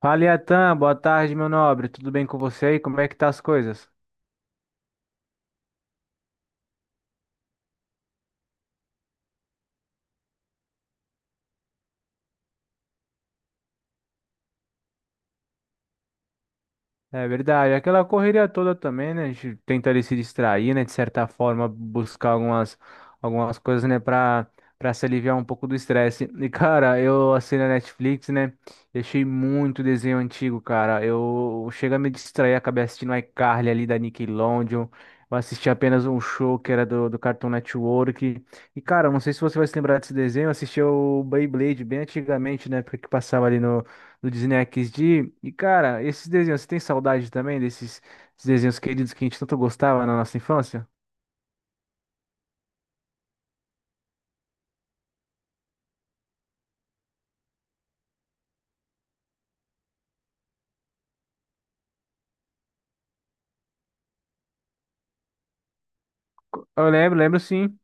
Fala, Iatan, boa tarde, meu nobre. Tudo bem com você aí? Como é que tá as coisas? É verdade, aquela correria toda também, né? A gente tenta ali se distrair, né? De certa forma, buscar algumas coisas, né? Pra se aliviar um pouco do estresse. E, cara, eu assinei a Netflix, né? E achei muito desenho antigo, cara. Eu chego a me distrair, acabei assistindo iCarly ali da Nickelodeon. Eu assisti apenas um show que era do Cartoon Network. E, cara, não sei se você vai se lembrar desse desenho. Eu assisti o Beyblade bem antigamente, né? Porque passava ali do Disney XD. E, cara, esses desenhos, você tem saudade também desses desenhos queridos que a gente tanto gostava na nossa infância? Eu lembro, lembro sim.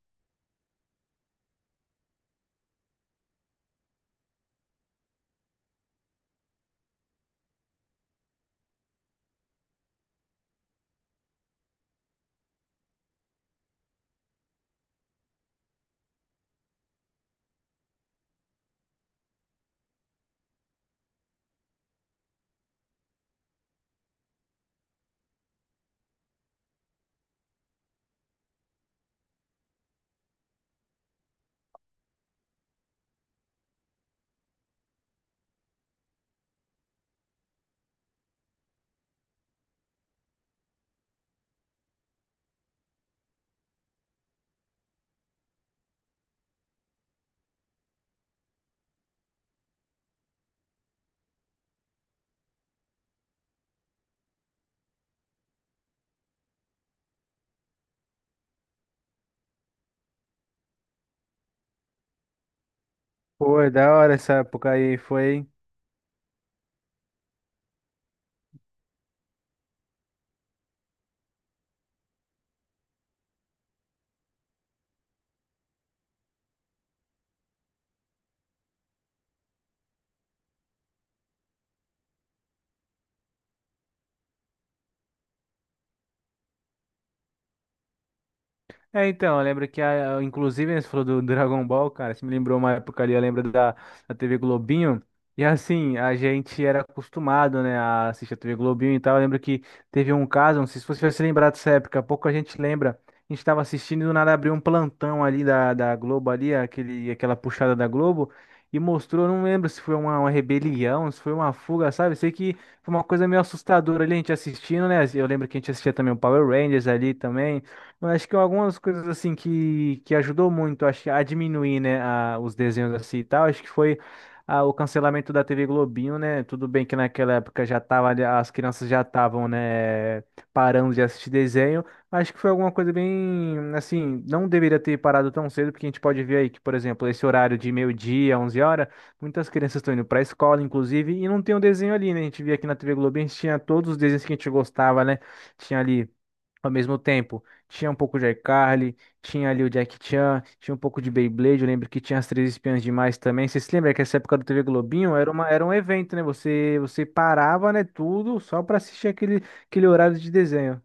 Pô, é da hora essa época aí, foi. É, então, eu lembro que, a, inclusive, né, você falou do Dragon Ball, cara, você me lembrou uma época ali, eu lembro da TV Globinho, e assim, a gente era acostumado, né, a assistir a TV Globinho e tal, eu lembro que teve um caso, não sei se você vai se lembrar dessa época, pouco a gente lembra, a gente tava assistindo e do nada abriu um plantão ali da Globo ali, aquele, aquela puxada da Globo, e mostrou, eu não lembro se foi uma rebelião, se foi uma fuga, sabe, sei que foi uma coisa meio assustadora ali, a gente assistindo, né, eu lembro que a gente assistia também o Power Rangers ali também, eu acho que algumas coisas assim que ajudou muito acho, que a diminuir, né, a- os desenhos assim e tal, acho que foi o cancelamento da TV Globinho, né? Tudo bem que naquela época já tava, ali- as crianças já estavam, né, parando de assistir desenho, mas acho que foi alguma coisa bem, assim, não deveria ter parado tão cedo, porque a gente pode ver aí que, por exemplo, esse horário de meio-dia, 11 horas, muitas crianças estão indo para a escola, inclusive, e não tem um desenho ali, né? A gente via aqui na TV Globinho, a gente tinha todos os desenhos que a gente gostava, né? Tinha ali. Ao mesmo tempo, tinha um pouco de iCarly, tinha ali o Jack Chan, tinha um pouco de Beyblade. Eu lembro que tinha as Três Espiãs Demais também. Vocês se lembram que essa época do TV Globinho era uma, era um evento, né? Você, você parava, né, tudo só para assistir aquele horário de desenho.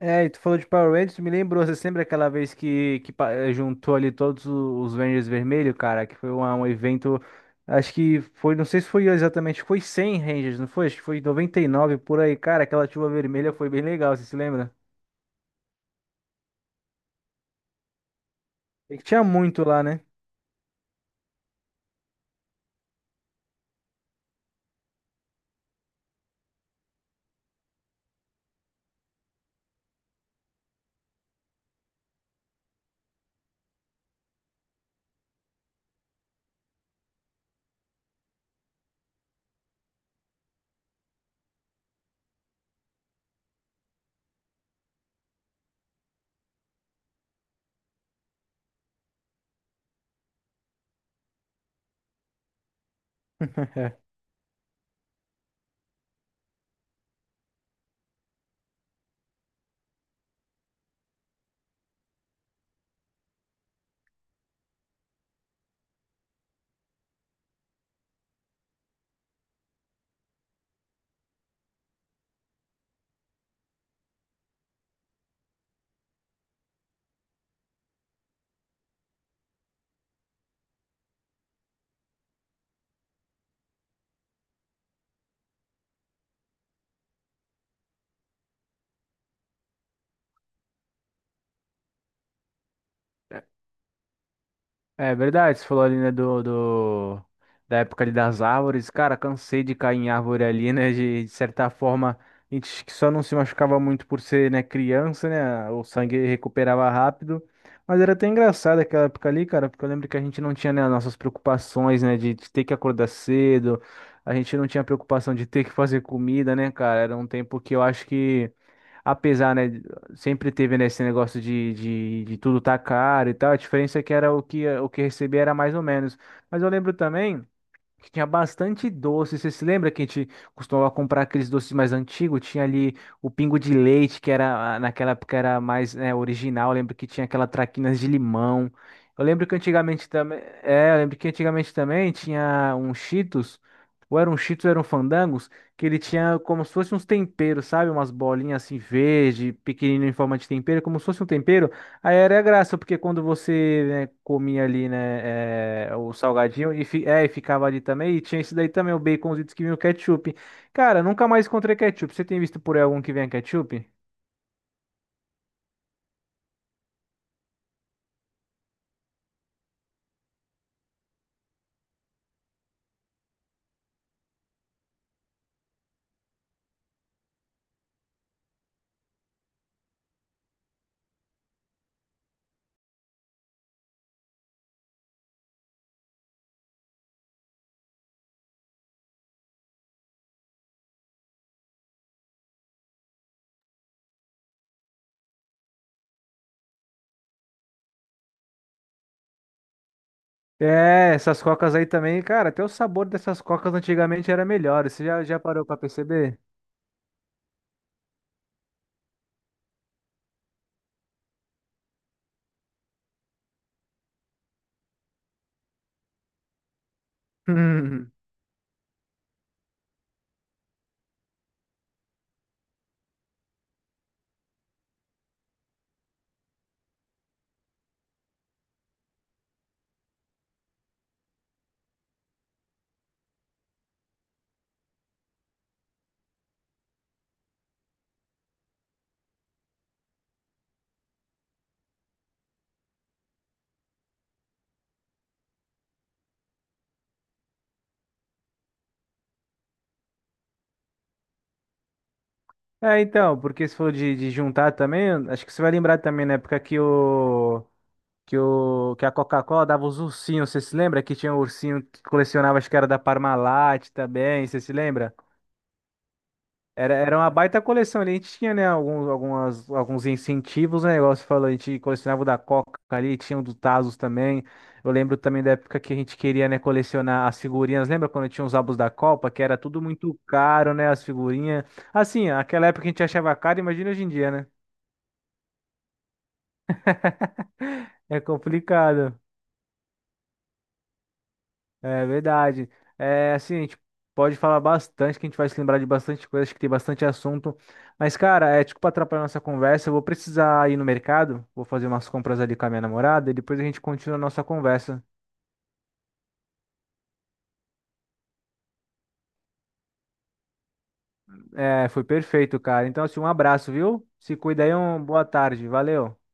É, e tu falou de Power Rangers, me lembrou. Você se lembra aquela vez que pa- juntou ali todos o- os Rangers vermelho, cara? Que foi uma- um evento. Acho que foi, não sei se foi exatamente, foi 100 Rangers, não foi? Acho que foi 99 por aí, cara. Aquela chuva vermelha foi bem legal, você se lembra? É que tinha muito lá, né? É verdade, você falou ali, né, do, do- da época ali das árvores. Cara, cansei de cair em árvore ali, né? De certa forma, a gente que só não se machucava muito por ser, né, criança, né? O sangue recuperava rápido. Mas era até engraçado aquela época ali, cara, porque eu lembro que a gente não tinha, né, nossas preocupações, né, de ter que acordar cedo. A gente não tinha preocupação de ter que fazer comida, né, cara? Era um tempo que eu acho que apesar, né, sempre teve, né, esse negócio de tudo tá caro e tal, a diferença é que era o que recebia era mais ou menos. Mas eu lembro também que tinha bastante doce. Você se lembra que a gente costumava comprar aqueles doces mais antigos? Tinha ali o pingo de leite, que era naquela época era mais, né, original. Eu lembro que tinha aquela traquinas de limão. Eu lembro que antigamente também, é, eu lembro que antigamente também tinha um Cheetos, ou era um Cheetos, ou era um Fandangos, que ele tinha como se fosse uns temperos, sabe? Umas bolinhas assim verde, pequenino em forma de tempero, como se fosse um tempero. Aí era a graça, porque quando você, né, comia ali, né, é, o salgadinho e, fi- é, e ficava ali também, e tinha isso daí também, o baconzitos que vinha o ketchup. Cara, nunca mais encontrei ketchup. Você tem visto por aí algum que venha ketchup? É, essas cocas aí também, cara, até o sabor dessas cocas antigamente era melhor. Você já, já parou pra perceber? É, então, porque se for de juntar também, acho que você vai lembrar também na época que o que, o, que a Coca-Cola dava os ursinhos, você se lembra? Que tinha um ursinho que colecionava, acho que era da Parmalat também, você se lembra? Era, era uma baita coleção ali, a gente tinha, né, alguns, algumas, alguns incentivos, né, negócio falou, a gente colecionava o da Coca ali, tinha o do Tazos também, eu lembro também da época que a gente queria, né, colecionar as figurinhas, lembra quando tinha os álbuns da Copa, que era tudo muito caro, né, as figurinhas, assim, aquela época a gente achava caro, imagina hoje em dia, né, é complicado. É verdade. É assim, a gente pode falar bastante, que a gente vai se lembrar de bastante coisa, acho que tem bastante assunto. Mas, cara, é desculpa atrapalhar nossa conversa. Eu vou precisar ir no mercado, vou fazer umas compras ali com a minha namorada e depois a gente continua a nossa conversa. É, foi perfeito, cara. Então, assim, um abraço, viu? Se cuida aí, um boa tarde. Valeu.